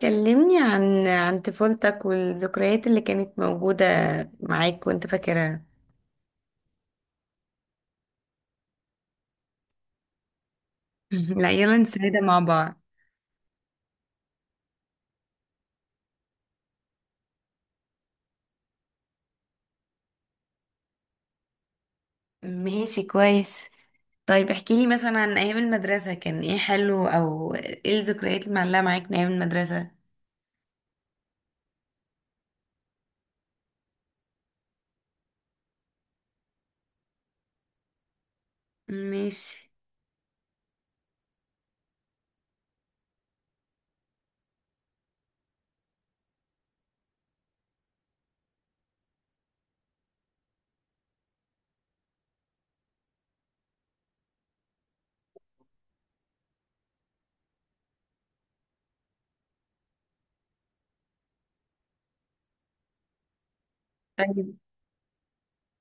كلمني عن طفولتك والذكريات اللي كانت موجودة معاك وانت فاكرها. لا، يلا نسعدها مع بعض. ماشي، كويس. طيب احكي لي مثلا عن ايام المدرسة، كان ايه حلو او ايه الذكريات اللي معلقة معاك من ايام المدرسة؟ ماشي.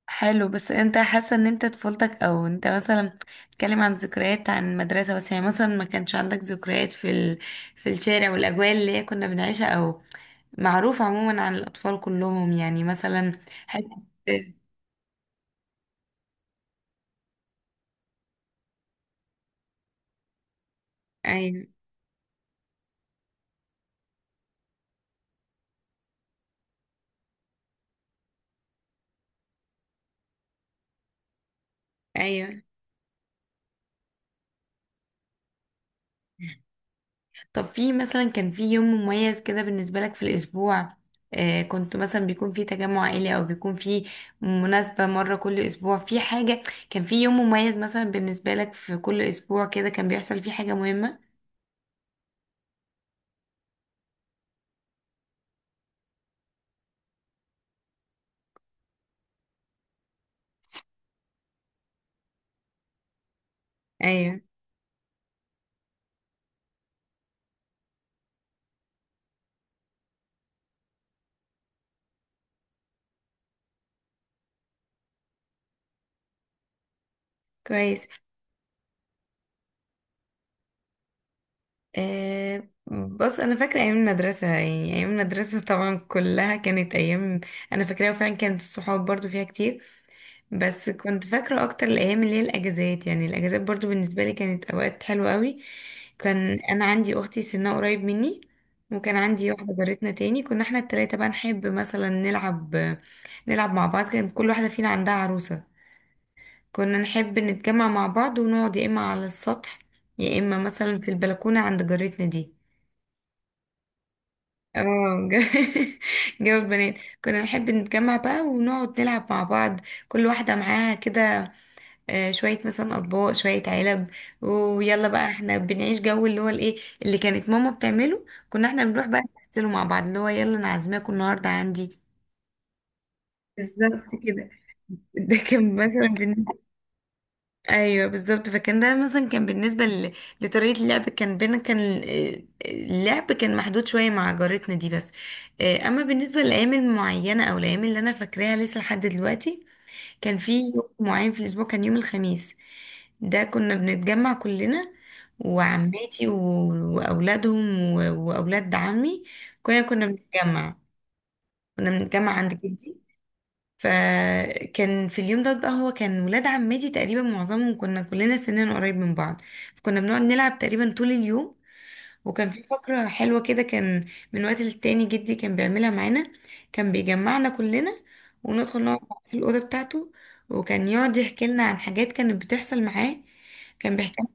حلو، بس انت حاسه ان انت طفولتك او انت مثلا بتتكلم عن ذكريات عن المدرسه بس؟ يعني مثلا ما كانش عندك ذكريات في في الشارع والاجواء اللي هي كنا بنعيشها، او معروف عموما عن الاطفال كلهم، يعني مثلا. حته. ايوه، ايوه. طب في مثلا، كان في يوم مميز كده بالنسبه لك في الاسبوع؟ آه، كنت مثلا بيكون في تجمع عائلي، او بيكون في مناسبه مره كل اسبوع، في حاجه كان في يوم مميز مثلا بالنسبه لك في كل اسبوع كده كان بيحصل فيه حاجه مهمه؟ ايوه. كويس. أه، بص، انا فاكره ايام المدرسه، يعني ايام المدرسه طبعا كلها كانت ايام انا فاكراها، وفعلا كانت الصحاب برضو فيها كتير، بس كنت فاكره اكتر الايام اللي هي الاجازات. يعني الاجازات برضو بالنسبه لي كانت اوقات حلوه قوي. كان انا عندي اختي سنها قريب مني، وكان عندي واحده جارتنا تاني، كنا احنا التلاته بقى نحب مثلا نلعب مع بعض، كان كل واحده فينا عندها عروسه. كنا نحب نتجمع مع بعض ونقعد يا إما على السطح، يا إما مثلا في البلكونة عند جارتنا دي. اه، جو. جو البنات. كنا نحب نتجمع بقى ونقعد نلعب مع بعض، كل واحدة معاها كده شوية مثلا أطباق، شوية علب، ويلا بقى احنا بنعيش جو اللي هو الايه اللي كانت ماما بتعمله. كنا احنا بنروح بقى نمثله مع بعض، اللي هو يلا انا عازماكم النهارده عندي. بالظبط كده. ده كان مثلا بالنسبة. ايوه، بالظبط، فكان ده مثلا كان بالنسبه لطريقه اللعب، كان بينا كان اللعب كان محدود شويه مع جارتنا دي بس. اما بالنسبه للايام المعينه او الايام اللي انا فاكراها لسه لحد دلوقتي، كان في يوم معين في الاسبوع، كان يوم الخميس. ده كنا بنتجمع كلنا، وعماتي واولادهم واولاد عمي. كنا بنتجمع. كنا بنتجمع عند جدي. فكان في اليوم ده بقى، هو كان ولاد عمتي تقريبا معظمهم كنا كلنا سننا قريب من بعض، فكنا بنقعد نلعب تقريبا طول اليوم. وكان في فقرة حلوة كده، كان من وقت للتاني جدي كان بيعملها معانا. كان بيجمعنا كلنا وندخل نقعد في الأوضة بتاعته، وكان يقعد يحكي لنا عن حاجات كانت بتحصل معاه. كان بيحكي لنا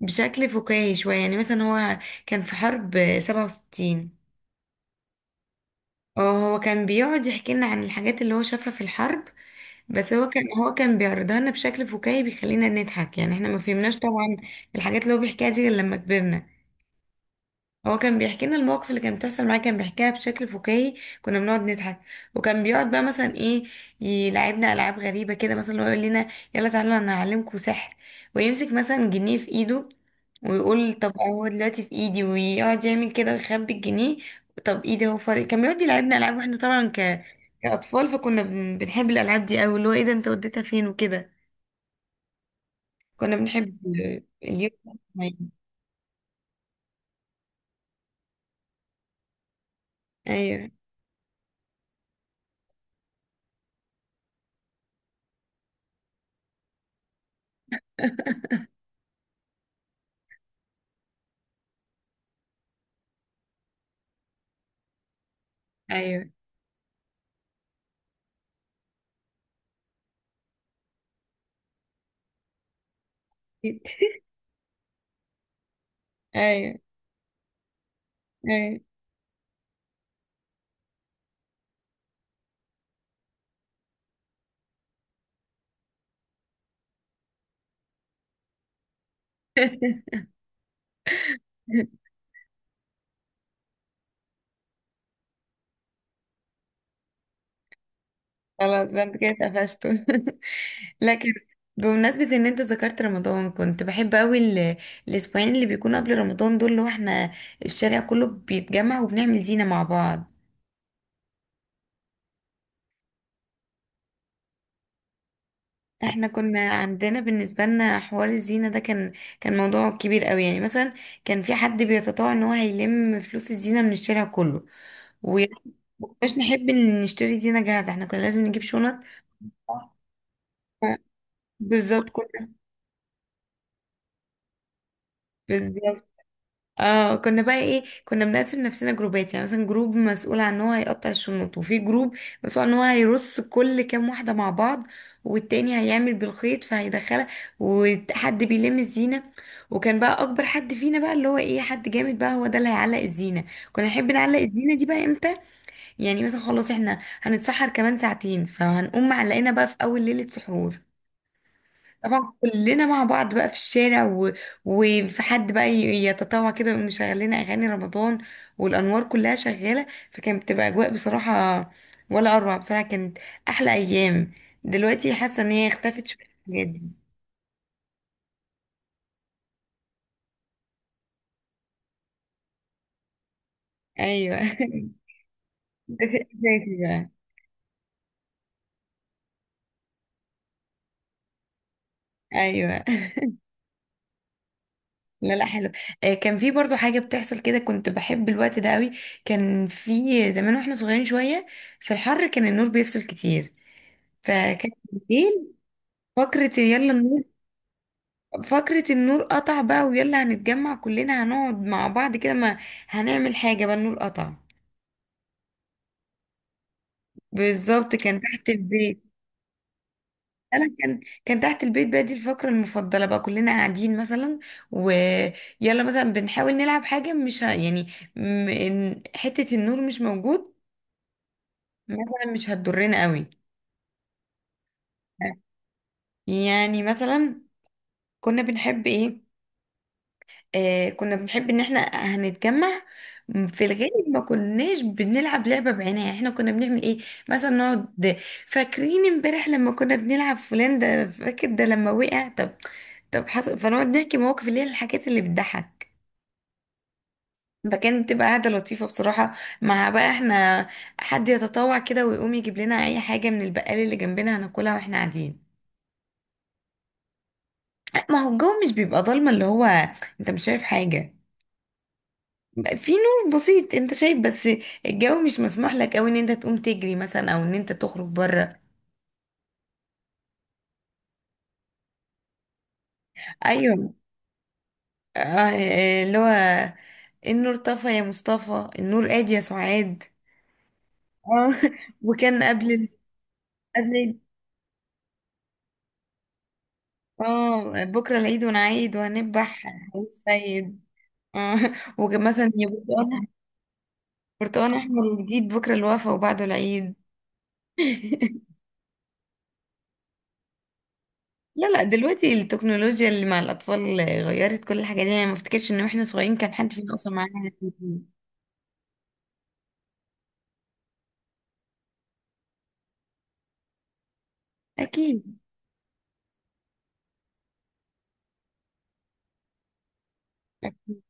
بشكل فكاهي شوية. يعني مثلا هو كان في حرب 67. اه، هو كان بيقعد يحكي لنا عن الحاجات اللي هو شافها في الحرب، بس هو كان بيعرضها لنا بشكل فكاهي، بيخلينا نضحك. يعني احنا ما فهمناش طبعا الحاجات اللي هو بيحكيها دي غير لما كبرنا. هو كان بيحكي لنا المواقف اللي كانت بتحصل معاه، كان بيحكيها بشكل فكاهي، كنا بنقعد نضحك. وكان بيقعد بقى مثلا ايه، يلعبنا العاب غريبه كده. مثلا هو يقول لنا يلا تعالوا انا هعلمكم سحر، ويمسك مثلا جنيه في ايده، ويقول طب هو دلوقتي في ايدي، ويقعد يعمل كده ويخبي الجنيه. طب ايدي هو فاضي. كان بيقعد يلعبنا العاب، واحنا طبعا كاطفال فكنا بنحب الالعاب دي قوي، اللي هو ايه ده، انت وديتها فين، وكده. كنا بنحب اليوم ده. ايوه. ايوه. ايوه. ايوه. خلاص بقى انت كده قفشته. لكن بمناسبة ان انت ذكرت رمضان، كنت بحب قوي الاسبوعين اللي بيكونوا قبل رمضان دول، اللي هو احنا الشارع كله بيتجمع وبنعمل زينة مع بعض. احنا كنا عندنا بالنسبة لنا حوار الزينة ده كان كان موضوع كبير قوي، يعني مثلا كان في حد بيتطوع ان هو هيلم فلوس الزينة من الشارع كله، وما كناش نحب ان نشتري زينة جاهزة، احنا كنا لازم نجيب شنط. ف- بالظبط، كنا بالظبط. اه، كنا بقى ايه، كنا بنقسم نفسنا جروبات، يعني مثلا جروب مسؤول عن ان هو هيقطع الشنط، وفي جروب مسؤول عن ان هو هيرص كل كام واحده مع بعض، والتاني هيعمل بالخيط فهيدخلها، وحد بيلم الزينه. وكان بقى اكبر حد فينا بقى اللي هو ايه، حد جامد بقى، هو ده اللي هيعلق الزينه. كنا نحب نعلق الزينه دي بقى امتى؟ يعني مثلا خلاص احنا هنتسحر كمان ساعتين، فهنقوم معلقينها بقى في اول ليله سحور. طبعا كلنا مع بعض بقى في الشارع وفي حد بقى يتطوع كده ويقوم مشغل لنا اغاني رمضان، والانوار كلها شغاله، فكانت بتبقى اجواء بصراحه ولا اروع. بصراحه كانت احلى ايام. دلوقتي حاسه ان هي اختفت شويه الحاجات دي. ايوه. ازيك بقى؟ ايوه. لا، لا، حلو. كان في برضو حاجه بتحصل كده كنت بحب الوقت ده قوي. كان في زمان، واحنا صغيرين شويه، في الحر كان النور بيفصل كتير، فكان بالليل فقرة يلا النور. فكرة النور قطع بقى، ويلا هنتجمع كلنا، هنقعد مع بعض كده، ما هنعمل حاجة بقى، النور قطع. بالظبط، كان تحت البيت. انا كان كان تحت البيت بقى، دي الفقرة المفضلة بقى، كلنا قاعدين مثلا، ويلا مثلا بنحاول نلعب حاجة مش يعني إن حتة النور مش موجود مثلا مش هتضرنا قوي. يعني مثلا كنا بنحب ايه، آه كنا بنحب ان احنا هنتجمع. في الغالب ما كناش بنلعب لعبة بعينها، احنا كنا بنعمل ايه، مثلا نقعد، فاكرين امبارح لما كنا بنلعب فلان ده، فاكر ده لما وقع؟ طب طب حصل. فنقعد نحكي مواقف، اللي هي الحاجات اللي بتضحك. فكانت بتبقى قاعدة لطيفة بصراحة. مع بقى احنا حد يتطوع كده ويقوم يجيب لنا اي حاجة من البقال اللي جنبنا، هناكلها واحنا قاعدين. ما هو الجو مش بيبقى ضلمة اللي هو انت مش شايف حاجة، في نور بسيط انت شايف، بس الجو مش مسموح لك او ان انت تقوم تجري مثلا او ان انت تخرج بره. ايوه. آه، اللي هو النور طفى يا مصطفى، النور قاد يا سعاد. اه. وكان قبل ال- قبل ال- اه بكره العيد ونعيد وهنذبح هنقول سيد. اه. وكان مثلا يا برتقال، برتقال احمر وجديد، بكره الوفا وبعده العيد. لا، لا، دلوقتي التكنولوجيا اللي مع الأطفال غيرت كل الحاجات دي، يعني ما افتكرش إن واحنا صغيرين كان حد فينا أصلا معانا تليفون. أكيد. أكيد.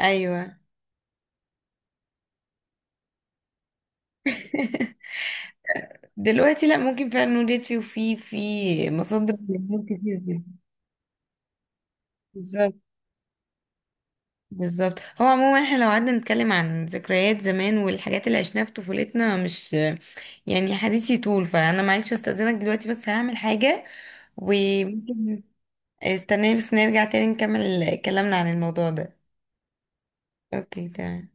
أيوه. دلوقتي لا، ممكن فعلا نولد فيه، وفي مصادر معلومات كتير جدا. بالظبط. بالظبط، هو عموما احنا لو قعدنا نتكلم عن ذكريات زمان والحاجات اللي عشناها في طفولتنا مش يعني حديثي طول، فأنا معلش أستأذنك دلوقتي بس هعمل حاجة، وممكن استناني بس نرجع تاني نكمل كلامنا عن الموضوع ده. اوكي، تمام.